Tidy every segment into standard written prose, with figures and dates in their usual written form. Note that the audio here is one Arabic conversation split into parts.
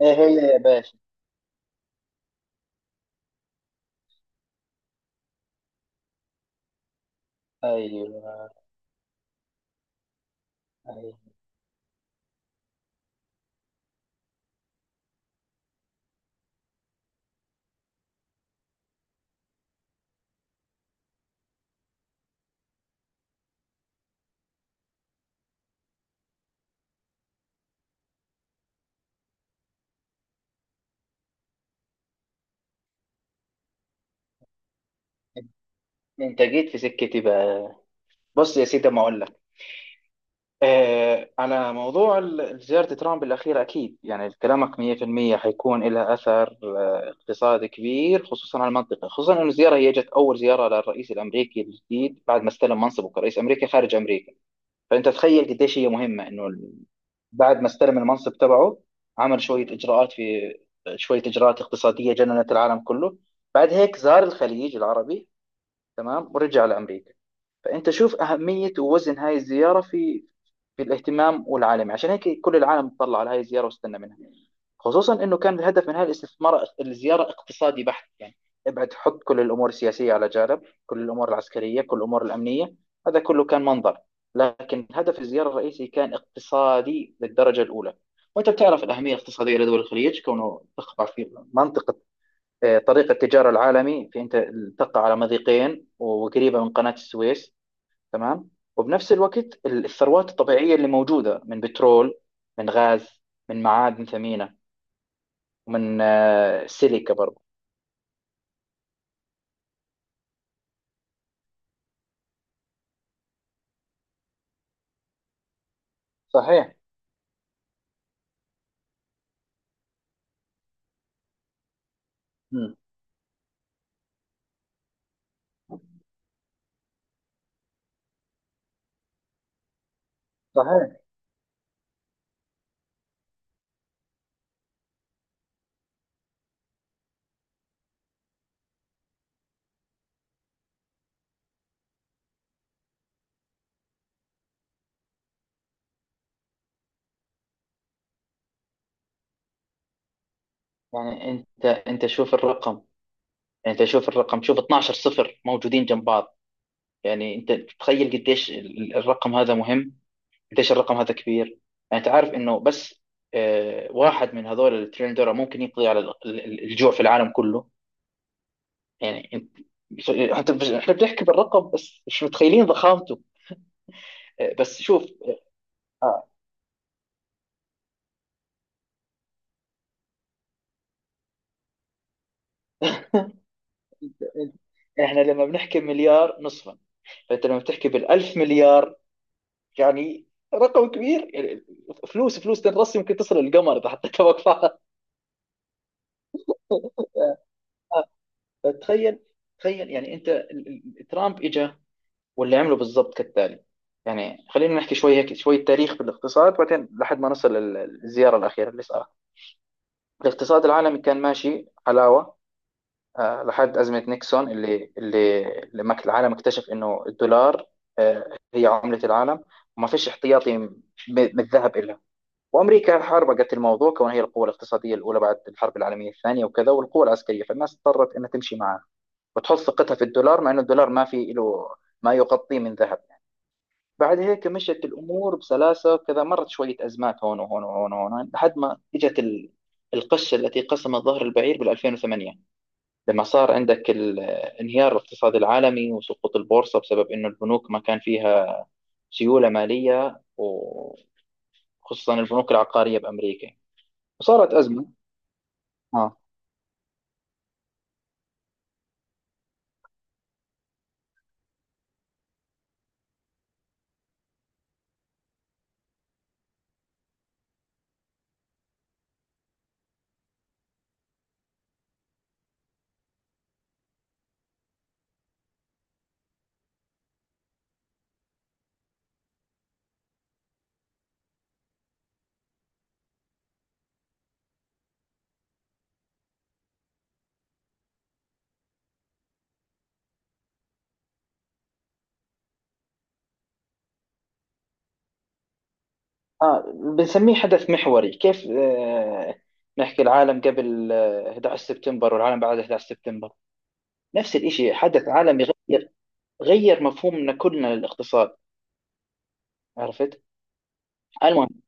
ايه هي يا باشا؟ ايوه، ايوه. انت جيت في سكتي بقى. بص يا سيدي ما اقول لك. على موضوع زيارة ترامب الأخيرة، أكيد يعني كلامك 100% حيكون لها أثر اقتصادي كبير، خصوصا على المنطقة، خصوصا أن الزيارة هي جت أول زيارة للرئيس الأمريكي الجديد بعد ما استلم منصبه كرئيس أمريكي خارج أمريكا. فأنت تخيل قديش هي مهمة أنه بعد ما استلم المنصب تبعه، عمل شوية إجراءات في، شوية إجراءات اقتصادية جننت العالم كله. بعد هيك زار الخليج العربي، تمام، ورجع لأمريكا. فأنت شوف أهمية ووزن هاي الزيارة في الاهتمام والعالمي. عشان هيك كل العالم تطلع على هاي الزيارة واستنى منها، خصوصا انه كان الهدف من هاي الاستثمار الزياره اقتصادي بحت. يعني ابعد حط كل الامور السياسيه على جانب، كل الامور العسكريه، كل الامور الامنيه، هذا كله كان منظر، لكن هدف الزياره الرئيسي كان اقتصادي للدرجه الاولى. وانت بتعرف الاهميه الاقتصاديه لدول الخليج كونه تقع في منطقه، طريق التجارة العالمي. في أنت تقع على مضيقين وقريبة من قناة السويس، تمام. وبنفس الوقت الثروات الطبيعية اللي موجودة من بترول، من غاز، من معادن ثمينة، ومن سيليكا برضه. صحيح. مم. صحيح. يعني أنت شوف الرقم، شوف الرقم، شوف 12 صفر موجودين جنب بعض. يعني أنت تتخيل قديش الرقم هذا مهم، قديش الرقم هذا كبير. يعني انت عارف انه بس واحد من هذول التريليون دولار ممكن يقضي على الجوع في العالم كله. يعني احنا بنحكي بالرقم بس مش متخيلين ضخامته. بس شوف. آه، احنا لما بنحكي مليار نصفا، فانت لما بتحكي بالألف مليار، يعني رقم كبير يعني. فلوس، فلوس تنرص يمكن تصل القمر اذا حطيتها وقفات. تخيل، تخيل يعني انت ترامب اجى واللي عمله بالظبط كالتالي. يعني خلينا نحكي شوية هيك، شوية تاريخ بالاقتصاد، بعدين لحد ما نصل للزيارة الأخيرة اللي صارت. الاقتصاد العالمي كان ماشي حلاوة لحد أزمة نيكسون اللي لما العالم اكتشف إنه الدولار هي عملة العالم، وما فيش احتياطي من الذهب إلها. وأمريكا حاربقت الموضوع كونها هي القوة الاقتصادية الأولى بعد الحرب العالمية الثانية وكذا، والقوة العسكرية، فالناس اضطرت إنها تمشي معها وتحط ثقتها في الدولار، مع إنه الدولار ما في له ما يغطيه من ذهب. بعد هيك مشت الأمور بسلاسة كذا، مرت شوية أزمات هون وهون وهون وهون لحد ما إجت القشة التي قسمت ظهر البعير بال2008. لما صار عندك انهيار الاقتصاد العالمي وسقوط البورصة بسبب إنه البنوك ما كان فيها سيولة مالية، وخصوصا البنوك العقارية بأمريكا، وصارت أزمة. آه. آه. بنسميه حدث محوري، كيف نحكي العالم قبل 11 سبتمبر والعالم بعد 11 سبتمبر. نفس الإشي حدث عالمي، غير غير مفهومنا كلنا للاقتصاد، عرفت. المهم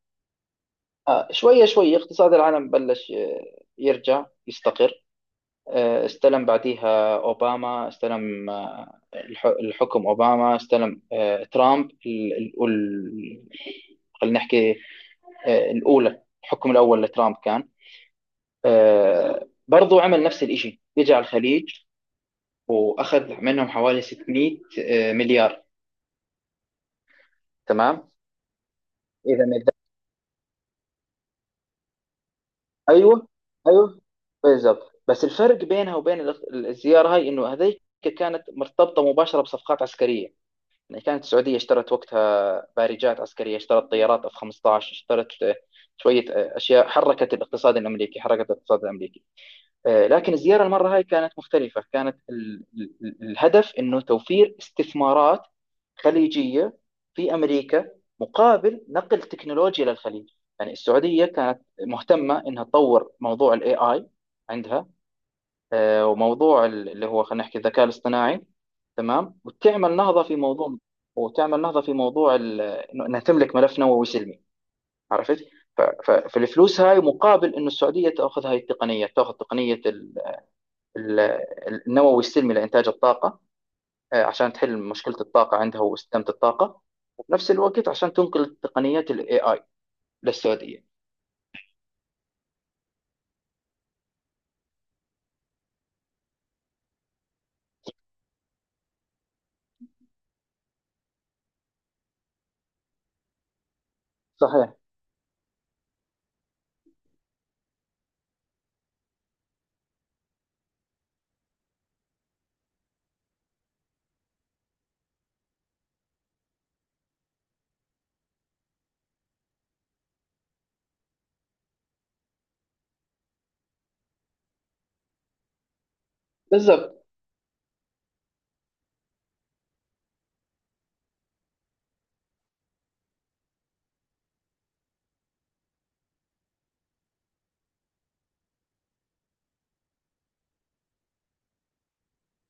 شوية شوية اقتصاد العالم بلش يرجع يستقر. استلم بعديها أوباما، استلم الحكم أوباما، استلم ترامب خلينا نحكي الأولى. الحكم الأول لترامب كان برضو عمل نفس الإشي، اجى على الخليج وأخذ منهم حوالي 600 مليار. تمام. إذا، ايوه، ايوه، بالظبط. بس الفرق بينها وبين الزياره هاي انه هذيك كانت مرتبطه مباشره بصفقات عسكريه. يعني كانت السعوديه اشترت وقتها بارجات عسكريه، اشترت طيارات اف 15، اشترت شويه اشياء حركت الاقتصاد الامريكي، لكن الزيارة المرة هاي كانت مختلفة. كانت الهدف أنه توفير استثمارات خليجية في أمريكا، مقابل نقل تكنولوجيا للخليج. يعني السعودية كانت مهتمة أنها تطور موضوع ال AI عندها، وموضوع اللي هو خلينا نحكي الذكاء الاصطناعي، تمام، وتعمل نهضة في موضوع، أنها تملك ملف نووي سلمي، عرفت. فالفلوس هاي مقابل أنه السعودية تأخذ هاي التقنية، تأخذ تقنية ال- النووي السلمي لإنتاج الطاقة، عشان تحل مشكلة الطاقة عندها واستدامة الطاقة. وفي نفس الوقت عشان تنقل تقنيات ال AI للسعودية. صحيح. بالضبط.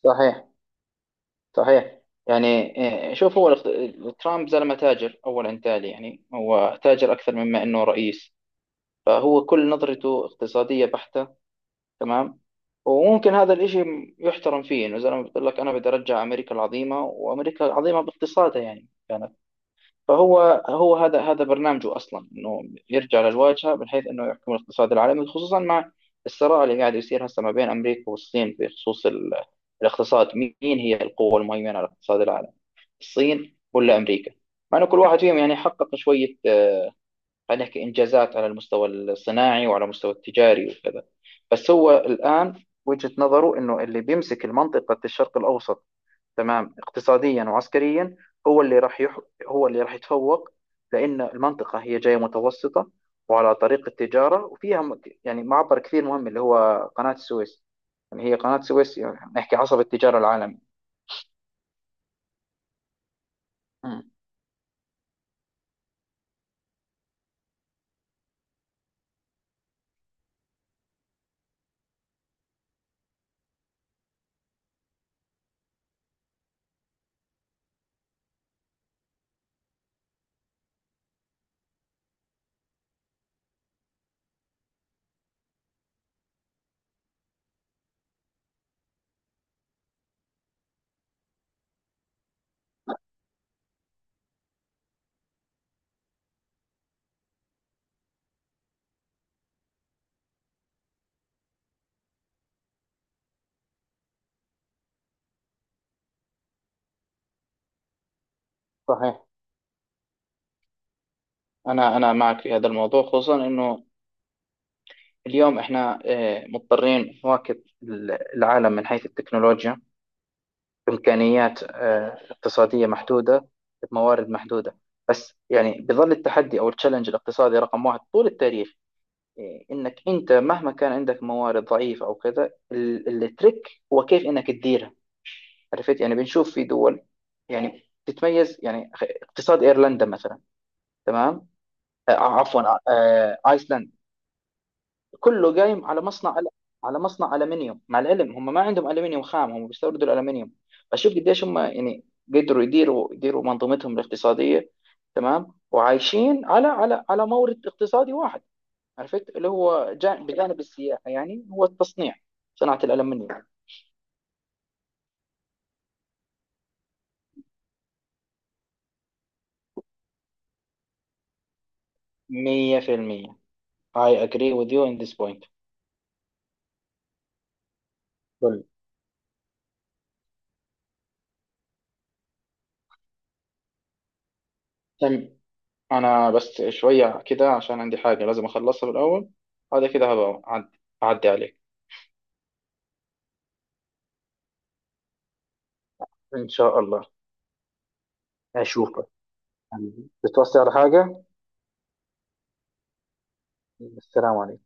صحيح، صحيح. يعني شوف هو ترامب زلمة تاجر أولا تالي. يعني هو تاجر أكثر مما أنه رئيس، فهو كل نظرته اقتصادية بحتة، تمام. وممكن هذا الإشي يحترم فيه إنه زلمة بيقول لك أنا بدي أرجع أمريكا العظيمة، وأمريكا العظيمة باقتصادها يعني يعني. فهو هذا برنامجه اصلا، انه يرجع للواجهه، من حيث انه يحكم الاقتصاد العالمي، خصوصا مع الصراع اللي قاعد يصير هسه ما بين امريكا والصين بخصوص الاقتصاد. مين هي القوه المهيمنه على الاقتصاد العالمي، الصين ولا امريكا؟ مع انه كل واحد فيهم يعني حقق شويه خلينا نحكي انجازات على المستوى الصناعي وعلى المستوى التجاري وكذا. بس هو الان وجهه نظره انه اللي بيمسك المنطقه الشرق الاوسط، تمام، اقتصاديا وعسكريا، هو اللي راح يح... هو اللي راح يتفوق. لأن المنطقة هي جاية متوسطة وعلى طريق التجارة، وفيها يعني معبر كثير مهم اللي هو قناة السويس. يعني هي قناة السويس يعني نحكي عصب التجارة العالمي. مم. صحيح. أنا معك في هذا الموضوع. خصوصا إنه اليوم إحنا مضطرين نواكب العالم من حيث التكنولوجيا. إمكانيات اقتصادية محدودة، بموارد محدودة. بس يعني بظل التحدي أو التشالنج الاقتصادي رقم واحد طول التاريخ، إيه، إنك أنت مهما كان عندك موارد ضعيفة أو كذا، التريك هو كيف إنك تديرها، عرفت. يعني بنشوف في دول يعني تتميز. يعني اقتصاد ايرلندا مثلا. تمام، عفوا، ايسلندا، كله قايم على مصنع، على مصنع الومنيوم، مع العلم هم ما عندهم الومنيوم خام، هم بيستوردوا الالومنيوم. فشوف قديش هم يعني قدروا يديروا، منظومتهم الاقتصاديه، تمام، وعايشين على مورد اقتصادي واحد، عرفت. اللي هو بجانب السياحه يعني هو التصنيع، صناعه الالومنيوم. 100% I agree with you in this point. قل. تم. انا بس شويه كده عشان عندي حاجه لازم اخلصها بالاول. هذا كده هبقى اعدي عليك ان شاء الله. اشوفك. حبيبي، بتوصي على حاجة؟ السلام عليكم.